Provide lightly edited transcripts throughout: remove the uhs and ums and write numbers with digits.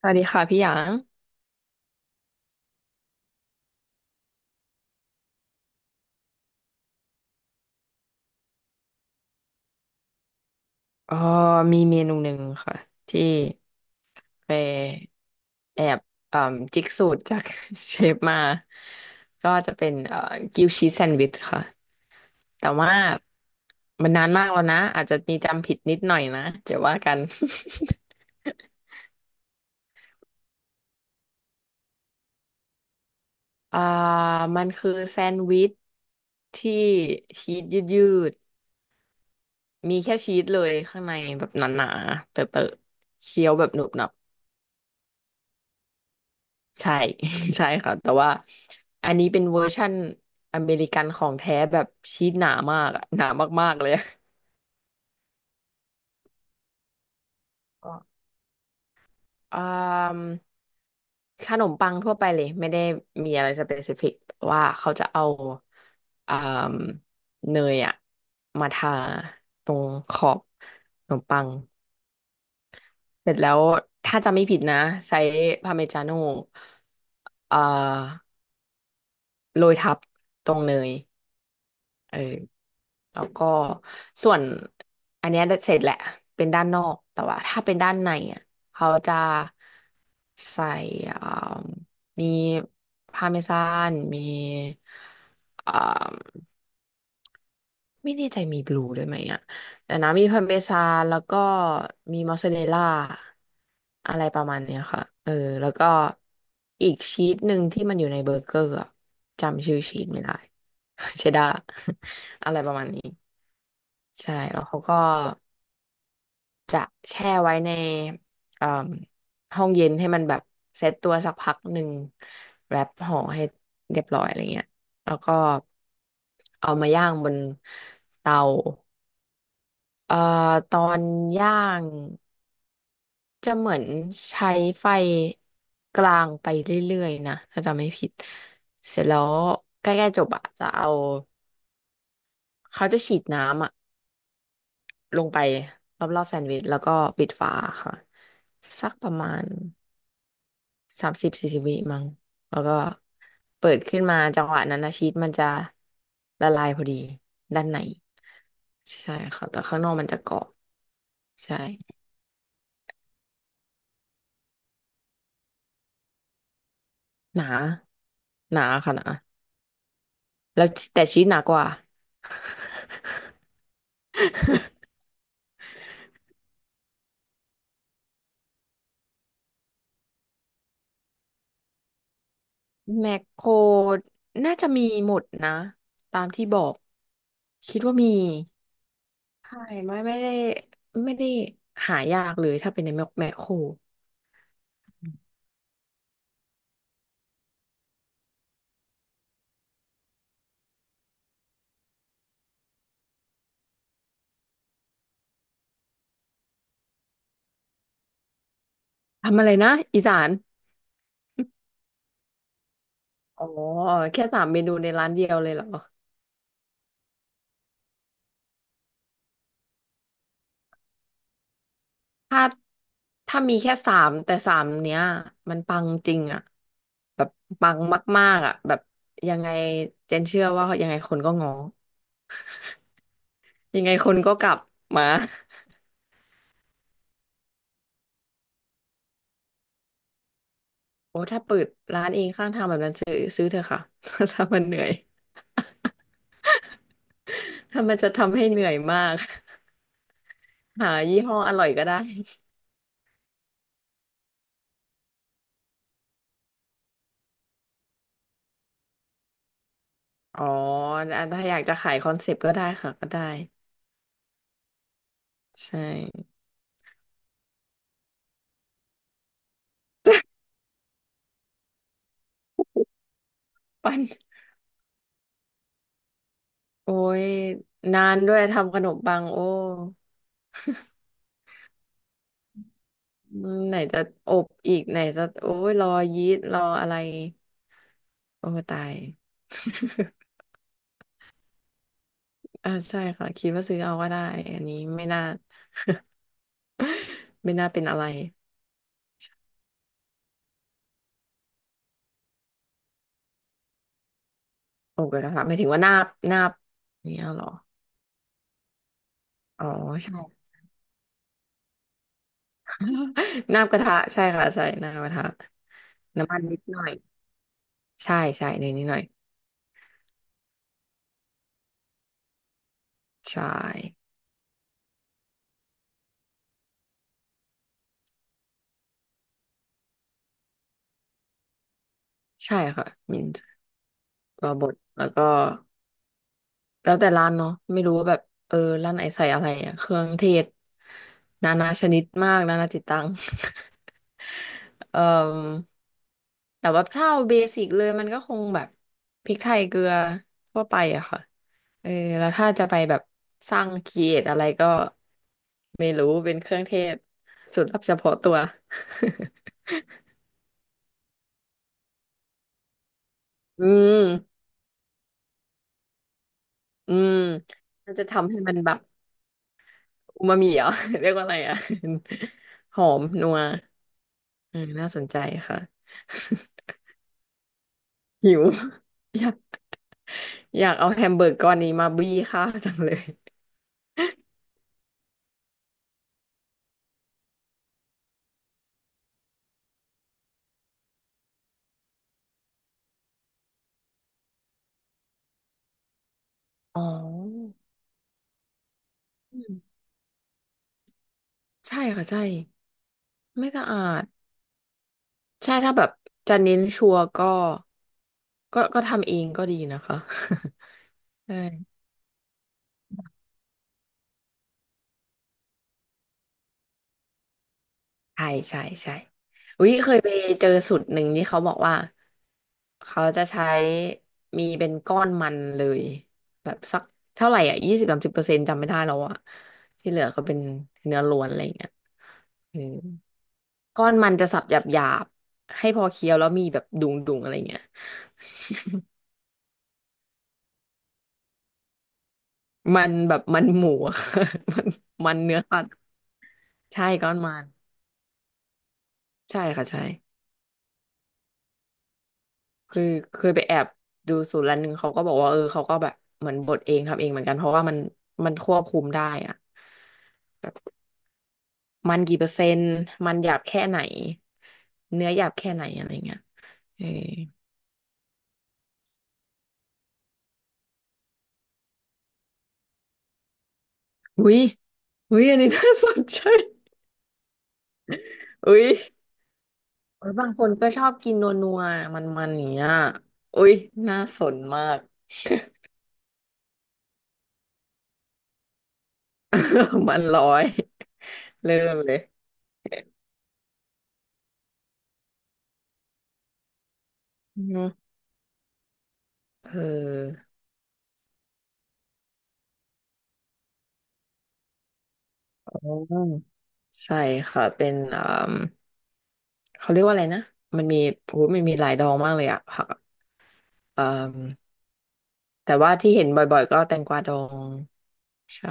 สวัสดีค่ะพี่หยางเอ๋อมีเมนูหนึ่งค่ะที่ไปแอบเอ่มจิกสูตรจาก เชฟมาก็จะเป็นกิวชีสแซนด์วิชค่ะแต่ว่ามันนานมากแล้วนะอาจจะมีจำผิดนิดหน่อยนะเดี๋ยวว่ากัน อ่ามันคือแซนด์วิชที่ชีสยืดๆมีแค่ชีสเลยข้างในแบบหนาๆเตอะๆเคี้ยวแบบหนุบหนับ ใช่ ใช่ค่ะแต่ว่าอันนี้เป็นเวอร์ชั่นอเมริกันของแท้แบบชีสหนามากอะหนามากๆเลยอะก็อามขนมปังทั่วไปเลยไม่ได้มีอะไรสเปซิฟิกว่าเขาจะเอาอมเนยอะมาทาตรงขอบขนมปังเสร็จแล้วถ้าจำไม่ผิดนะใช้พาร์เมจาโน่เอ่โรยทับตรงเนย เออแล้วก็ส่วนอันเนี้ยเสร็จแหละเป็นด้านนอกแต่ว่าถ้าเป็นด้านในอ่ะเขาจะใส่อ่ามีพาเมซานมีอ่าไม่แน่ใจมีบลูด้วยไหมอ่ะแต่นะมีพาเมซานแล้วก็มีมอสซาเรลล่าอะไรประมาณเนี้ยค่ะเออแล้วก็อีกชีสหนึ่งที่มันอยู่ในเบอร์เกอร์อะจำชื่อชีสไม่ได้ เชดดาร์ อะไรประมาณนี้ ใช่แล้วเขาก็จะแช่ไว้ในเอ่มห้องเย็นให้มันแบบเซตตัวสักพักหนึ่งแรปห่อให้เรียบร้อยอะไรเงี้ยแล้วก็เอามาย่างบนเตาเอ่อตอนย่างจะเหมือนใช้ไฟกลางไปเรื่อยๆนะถ้าจำไม่ผิดเสร็จแล้วใกล้ๆจบอะจะเอาเขาจะฉีดน้ำอะ ลงไปรอบๆแซนด์วิชแล้วก็ปิดฝาค่ะสักประมาณ30-40 วิมั้งแล้วก็เปิดขึ้นมาจังหวะนั้นนะชีสมันจะละลายพอดีด้านในใช่ค่ะแต่ข้างนอกมันจะกรอบใช่หนาหนาค่ะหนาแล้วแต่ชีสหนากว่า แมคโครน่าจะมีหมดนะตามที่บอกคิดว่ามีใช่ไม่ได้ไม่ได้หายากเลยถ้าเป็นในแมคแมคโคร ทำอะไรนะอีสานอ๋อแค่สามเมนูในร้านเดียวเลยเหรอถ้าถ้ามีแค่สามแต่สามเนี้ยมันปังจริงอะแบบปังมากๆอะแบบยังไงเจนเชื่อว่ายังไงคนก็งอยังไงคนก็กลับมา โอ้ถ้าเปิดร้านเองข้างทางแบบนั้นซื้อเถอะค่ะ ถ้ามันเหนื่อย ถ้ามันจะทำให้เหนื่อยมาก หายี่ห้ออร่อยก็ได้ อ๋ออ่ะถ้าอยากจะขายคอนเซปต์ก็ได้ค่ะก็ได้ใช่ ปั้น โอ้ยนานด้วยทำขนมปังโอ้อืมไหนจะอบอีกไหนจะโอ้ยรอยีสต์รออะไรโอ้ตาย ใช่ค่ะคิดว่าซื้อเอาก็ได้อันนี้ไม่น่าเป็นอะไรโอ้กระทะหมายถึงว่านาบอย่างเนี้ยเหรออ๋อใช่ นาบกระทะใช่ค่ะใช่นาบกระทะน้ำมันนิดหน่อยใช่ใช่ในนิดหน่อยใช่ใช่ค่ะมินตัวบดแล้วก็ แล้วแต่ร้านเนาะไม่รู้ว่าแบบเออร้านไหนใส่อะไรอะเครื่องเทศนานาชนิดมากนานาจิตตัง เอ่อแต่ว่าถ้าเอาเบสิกเลยมันก็คงแบบพริกไทยเกลือทั่วไปอะค่ะเออแล้วถ้าจะไปแบบสร้างครีเอทอะไรก็ไม่รู้เป็นเครื่องเทศสูตรลับเฉพาะตัว อืมอืมน่าจะทำให้มันแบบอูมามิเหรอ เรียกว่าอะไรอ่ะ หอมนัว เออน่าสนใจค่ะ หิว อยากอยากเอาแฮมเบอร์กก้อนนี้มาบี้ข้าวจังเลยอ๋ออืมใช่ค่ะใช่ไม่สะอาดใช่ถ้าแบบจะเน้นชัวร์ก็ก็ทำเองก็ดีนะคะ ใช่ ใช่ใช่ใช่อุ๊ยเคยไปเจอสูตรหนึ่งที่เขาบอกว่าเขาจะใช้มีเป็นก้อนมันเลยแบบสักเท่าไหร่อ่ะ20-30%จำไม่ได้แล้วอ่ะที่เหลือก็เป็นเนื้อล้วนอะไรอย่างเงี้ยอืมก้อนมันจะสับหยาบๆให้พอเคี้ยวแล้วมีแบบดุงๆอะไรอย่างเงี้ยมันแบบมันหมูอะ มันมันเนื้อสัตว์ใช่ก้อนมันใช่ค่ะใช่ คือเคยไปแอบดูสูตรร้านหนึ่งเขาก็บอกว่าเออเขาก็แบบเหมือนบดเองทำเองเหมือนกันเพราะว่ามันควบคุมได้อะมันกี่เปอร์เซ็นต์มันหยาบแค่ไหนเนื้อหยาบแค่ไหนอะไรเงี้ยเอออุ้ยอุ้ยอันนี้น่าสนใจอุ้ยเออบางคนก็ชอบกินนัวๆมันๆอย่างเงี้ยอุ้ยน่าสนมาก มันร้อยเริ่มเลยอืมเอออ๋อใช่ค่ะเป็น เขาเรียกว่าอะไรนะมันมีโอ้โหมันมีหลายดองมากเลยอะผักอะเอ่อแต่ว่าที่เห็นบ่อยๆก็แตงกวาดองใช่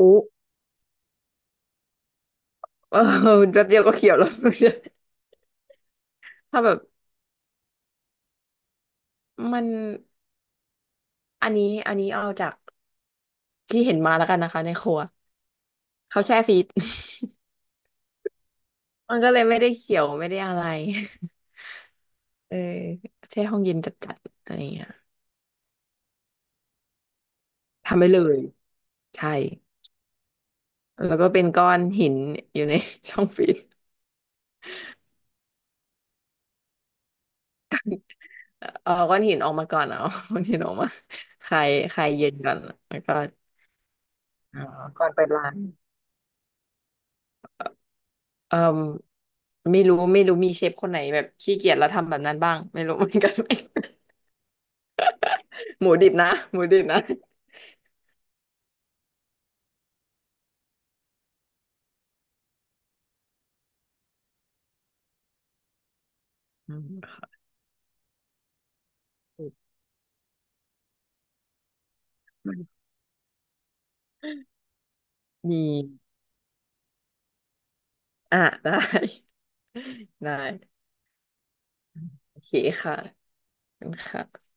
อุ๊ เออแป๊บเดียวก็เขียวแล้ว ถ้าแบบมันอันนี้เอาจากที่เห็นมาแล้วกันนะคะในครัวเขาแช่ฟรีซ มันก็เลยไม่ได้เขียวไม่ได้อะไร เออแช่ห้องเย็นจัดๆอะไรอย่างเงี้ยทำไปเลยใช่แล้วก็เป็นก้อนหินอยู่ใน ช่องฟรีซ เอาก้อนหินออกมาก่อนเอา ก้อนหินออกมาคลายเย็นก่อนแล้วก็เอ๋อก่อนไปร้านเอ่อไม่รู้มีเชฟคนไหนแบบขี้เกียจแล้วทำแบบนั้นบ้างไม่รู้ เหมือนกัน หมูดิบนะหมูดิบนะอืม มีอ่ะได้ ได้โอเคค่ะขอบคุณค่ะ